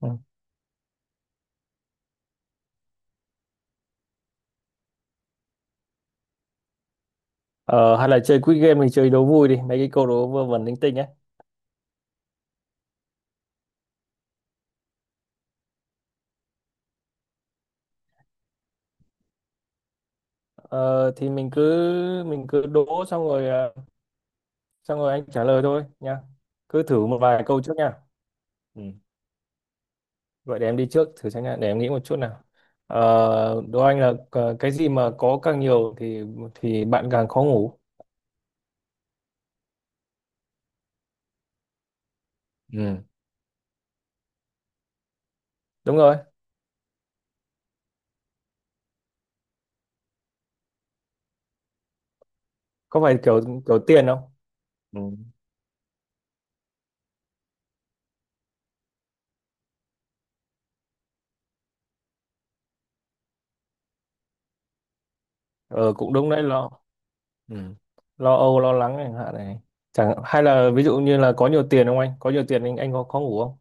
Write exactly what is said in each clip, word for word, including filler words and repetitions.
Ừ. Ờ, hay là chơi quiz game, mình chơi đố vui đi, mấy cái câu đố vơ vẩn linh tinh ấy. Ờ, thì mình cứ mình cứ đố xong rồi ờ, xong rồi anh trả lời thôi nha. Cứ thử một vài câu trước nha. Ừ. Vậy để em đi trước thử xem nha, để em nghĩ một chút nào. Ờ, đố anh là ờ, cái gì mà có càng nhiều thì thì bạn càng khó ngủ. Ừ, đúng rồi. Có phải kiểu kiểu tiền không? Ừ. Ờ, cũng đúng đấy, lo. Ừ. Lo âu, lo lắng chẳng hạn này. Chẳng, hay là ví dụ như là có nhiều tiền không anh, có nhiều tiền anh anh có khó ngủ không?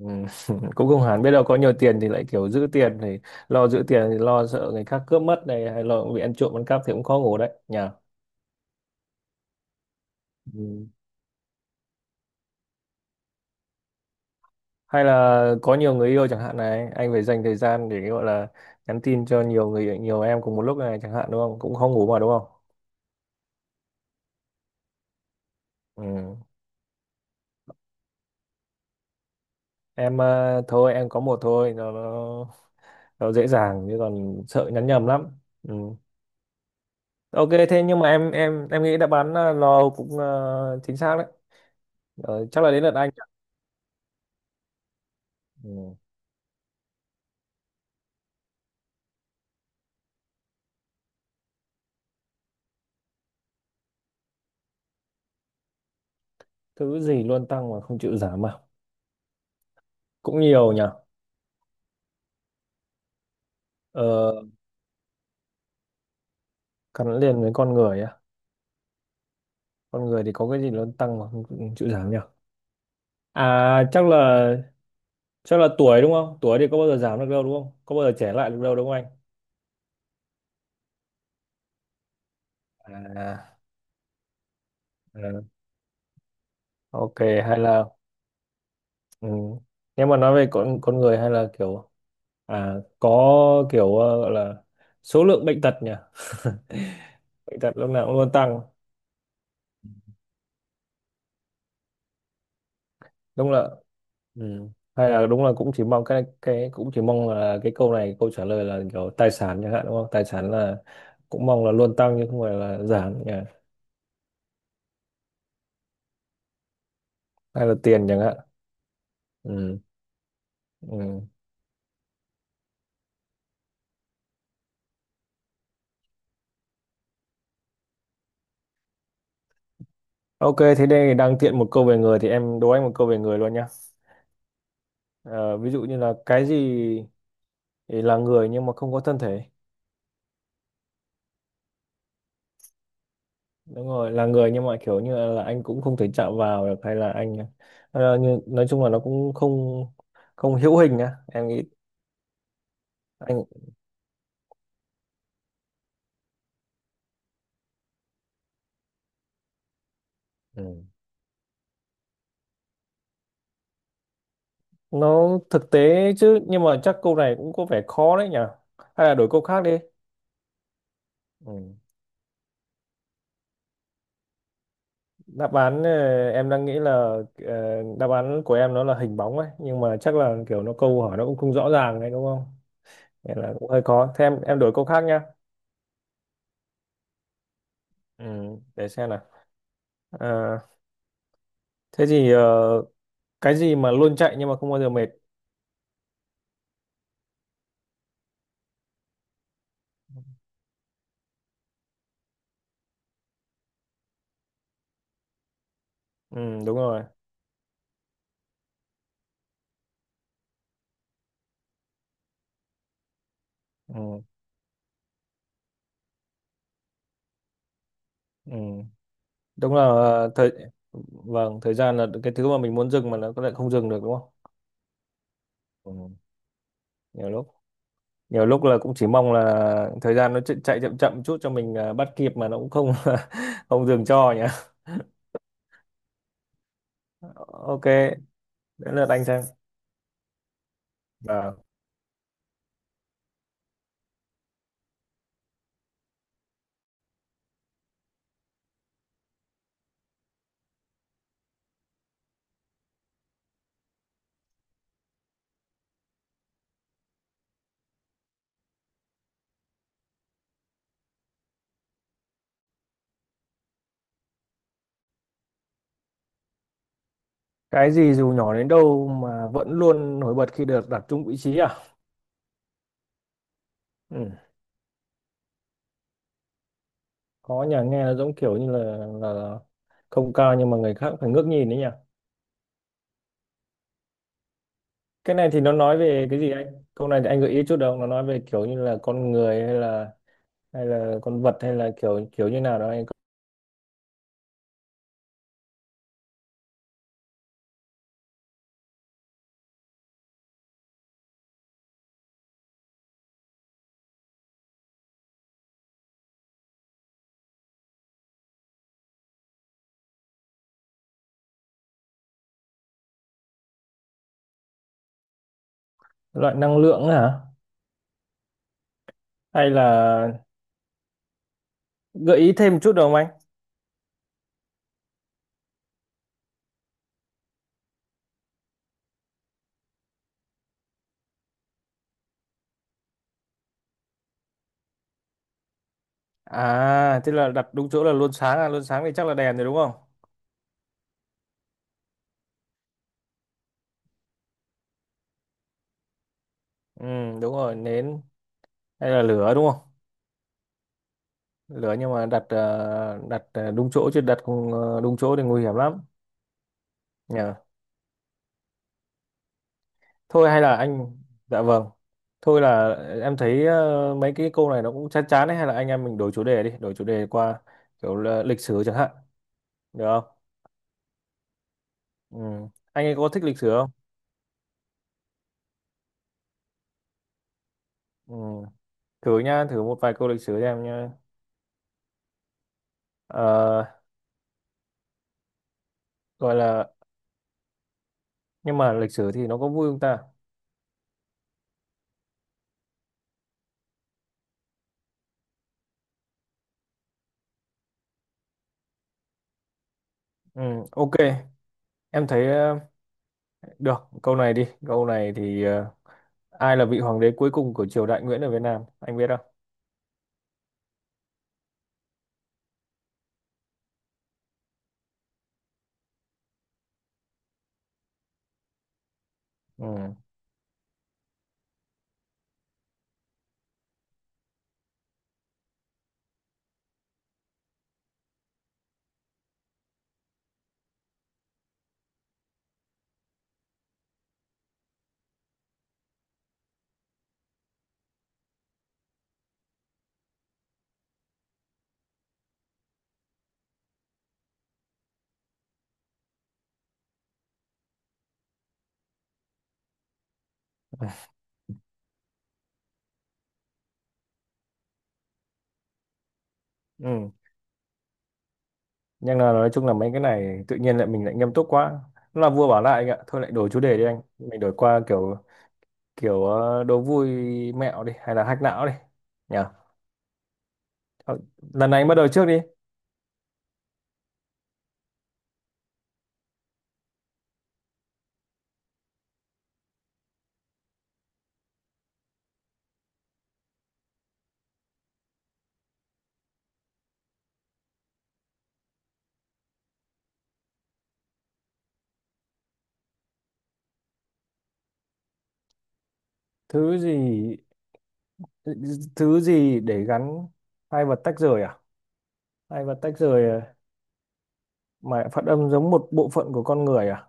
Ừ. Cũng không hẳn, biết đâu có nhiều tiền thì lại kiểu giữ tiền thì lo, giữ tiền thì lo sợ người khác cướp mất này, hay lo bị ăn trộm ăn cắp thì cũng khó ngủ đấy nhỉ. Ừ. Hay là có nhiều người yêu chẳng hạn này, anh phải dành thời gian để gọi là nhắn tin cho nhiều người, nhiều em cùng một lúc này chẳng hạn đúng không, cũng khó ngủ mà đúng không? Ừ. Em ờ, thôi em có một thôi, nó, nó, nó dễ dàng chứ còn sợ nhắn nhầm lắm. Ừ. Ok, thế nhưng mà em em em nghĩ đáp án ờ, lo cũng ờ, chính xác đấy. Ờ, chắc là đến lượt anh. Ừ. Thứ gì luôn tăng mà không chịu giảm à? Cũng nhiều nhỉ. Ờ, gắn liền với con người á? Con người thì có cái gì luôn tăng mà không, không chịu giảm nhỉ? À chắc là chắc là tuổi đúng không? Tuổi thì có bao giờ giảm được đâu đúng không? Có bao giờ trẻ lại được đâu đúng không anh? À, à ok. Hay là. Ừ. Nếu mà nói về con con người hay là kiểu. À có. Kiểu ờ, gọi là số lượng bệnh tật nhỉ. Bệnh tật lúc nào cũng luôn tăng. Đúng là. Ừ. Hay là đúng là cũng chỉ mong cái cái, cũng chỉ mong là cái câu này câu trả lời là kiểu tài sản chẳng hạn đúng không, tài sản là cũng mong là luôn tăng chứ không phải là giảm nhỉ. Hay là tiền chẳng hạn. Ừ. Ừ. Ok, thế đây đang tiện một câu về người thì em đố anh một câu về người luôn nhá. Ờ, ví dụ như là cái gì thì là người nhưng mà không có thân thể? Đúng rồi, là người nhưng mà kiểu như là anh cũng không thể chạm vào được, hay là anh ờ, như, nói chung là nó cũng không không hữu hình nhá. Em nghĩ anh. Ừ. Nó thực tế chứ nhưng mà chắc câu này cũng có vẻ khó đấy nhỉ, hay là đổi câu khác đi. Ừ. Đáp án ờ, em đang nghĩ là ờ, đáp án của em nó là hình bóng ấy, nhưng mà chắc là kiểu nó, câu hỏi nó cũng không rõ ràng đấy đúng không. Nên là cũng hơi khó, thế em em đổi câu khác nhá. Ừ. Để xem nào. Ờ, thế thì ờ, cái gì mà luôn chạy nhưng mà không bao giờ mệt? Ừ, đúng rồi. Ừ. Ừ. Đúng là ờ, thời vâng, thời gian là cái thứ mà mình muốn dừng mà nó lại không dừng được đúng không. Ừ. nhiều lúc Nhiều lúc là cũng chỉ mong là thời gian nó chạy, chạy chậm chậm chút cho mình à, bắt kịp mà nó cũng không không dừng cho nhỉ. Ok, đến lượt anh xem. Ờ. Cái gì dù nhỏ đến đâu mà vẫn luôn nổi bật khi được đặt chung vị trí à? Ừ. Có nhà nghe nó giống kiểu như là, là là không cao nhưng mà người khác phải ngước nhìn đấy nhỉ. Cái này thì nó nói về cái gì anh? Câu này thì anh gợi ý chút đâu, nó nói về kiểu như là con người hay là hay là con vật hay là kiểu kiểu như nào đó anh? Loại năng lượng ấy hả? Hay là gợi ý thêm một chút được không anh? À tức là đặt đúng chỗ là luôn sáng à, luôn sáng thì chắc là đèn rồi đúng không? Ừ đúng rồi nến. Hay là lửa đúng không? Lửa nhưng mà đặt ờ, đặt ờ, đúng chỗ chứ đặt không, ờ, đúng chỗ thì nguy hiểm lắm. Nhờ. Thôi hay là anh. Dạ vâng. Thôi là ờ, em thấy ờ, mấy cái câu này nó cũng chán chán ấy, hay là anh em mình đổi chủ đề đi, đổi chủ đề qua kiểu là lịch sử chẳng hạn được không? Ừ. Anh ấy có thích lịch sử không? Ừ. Thử nhá, thử một vài câu lịch sử cho em nhá. Ờ, gọi là nhưng mà lịch sử thì nó có vui không ta? Ừ, ok. Em thấy ờ, được câu này đi, câu này thì ờ, ai là vị hoàng đế cuối cùng của triều đại Nguyễn ở Việt Nam anh biết không? Ừ, ừ. Nhưng là nói chung là mấy cái này tự nhiên lại mình lại nghiêm túc quá. Nó là vua bảo lại anh ạ, thôi lại đổi chủ đề đi anh, mình đổi qua kiểu kiểu ờ, đố vui mẹo đi hay là hack não đi nhỉ. Ờ, lần này anh bắt đầu trước đi. thứ gì Thứ gì để gắn hai vật tách rời à? Hai vật tách rời à? Mà phát âm giống một bộ phận của con người à?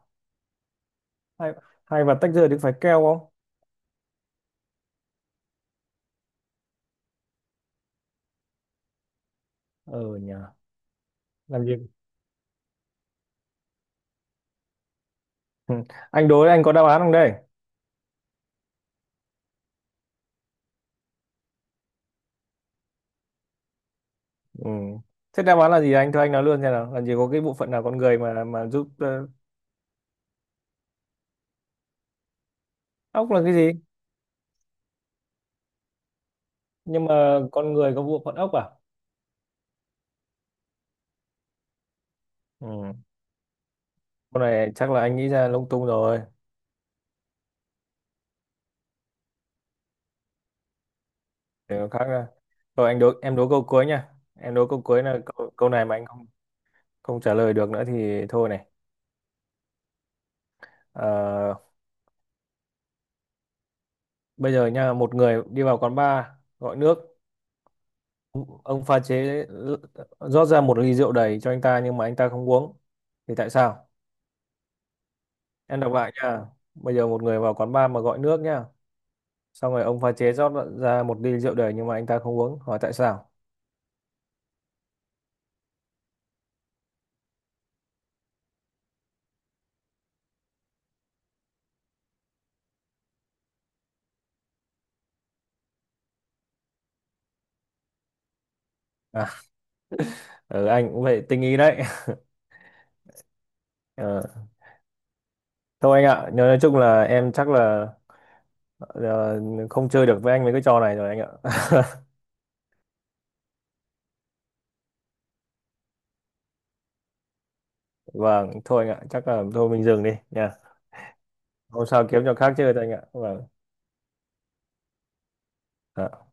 Hay Hay và tách rời thì phải keo không? Ờ nhờ. Làm gì. Ừ. Anh đối, anh có đáp án không đây? Ừ. Thế đáp án là gì anh, thôi anh nói luôn xem nào, làm gì có cái bộ phận nào con người mà mà giúp ờ, ốc là cái gì. Nhưng mà con người có bộ phận ốc à? Ừ. Con này chắc là anh nghĩ ra lung tung rồi. Để có khác ra. Rồi anh đối, em đối câu cuối nha. Em đối câu cuối là câu, câu này mà anh không không trả lời được nữa thì thôi này. Ờ, bây giờ nha, một người đi vào quán bar gọi nước. Ông pha chế rót ra một ly rượu đầy cho anh ta, nhưng mà anh ta không uống thì tại sao? Em đọc lại nha. Bây giờ một người vào quán bar mà gọi nước nhá. Xong rồi ông pha chế rót ra một ly rượu đầy, nhưng mà anh ta không uống, hỏi tại sao? À ừ, anh cũng vậy tinh ý đấy. Ờ, thôi anh ạ, nói, nói chung là em chắc là ờ, không chơi được với anh mấy cái trò này rồi anh ạ. Vâng, thôi anh ạ chắc là thôi mình dừng đi nha. Hôm sau kiếm trò khác chơi thôi anh ạ, vâng. Ờ.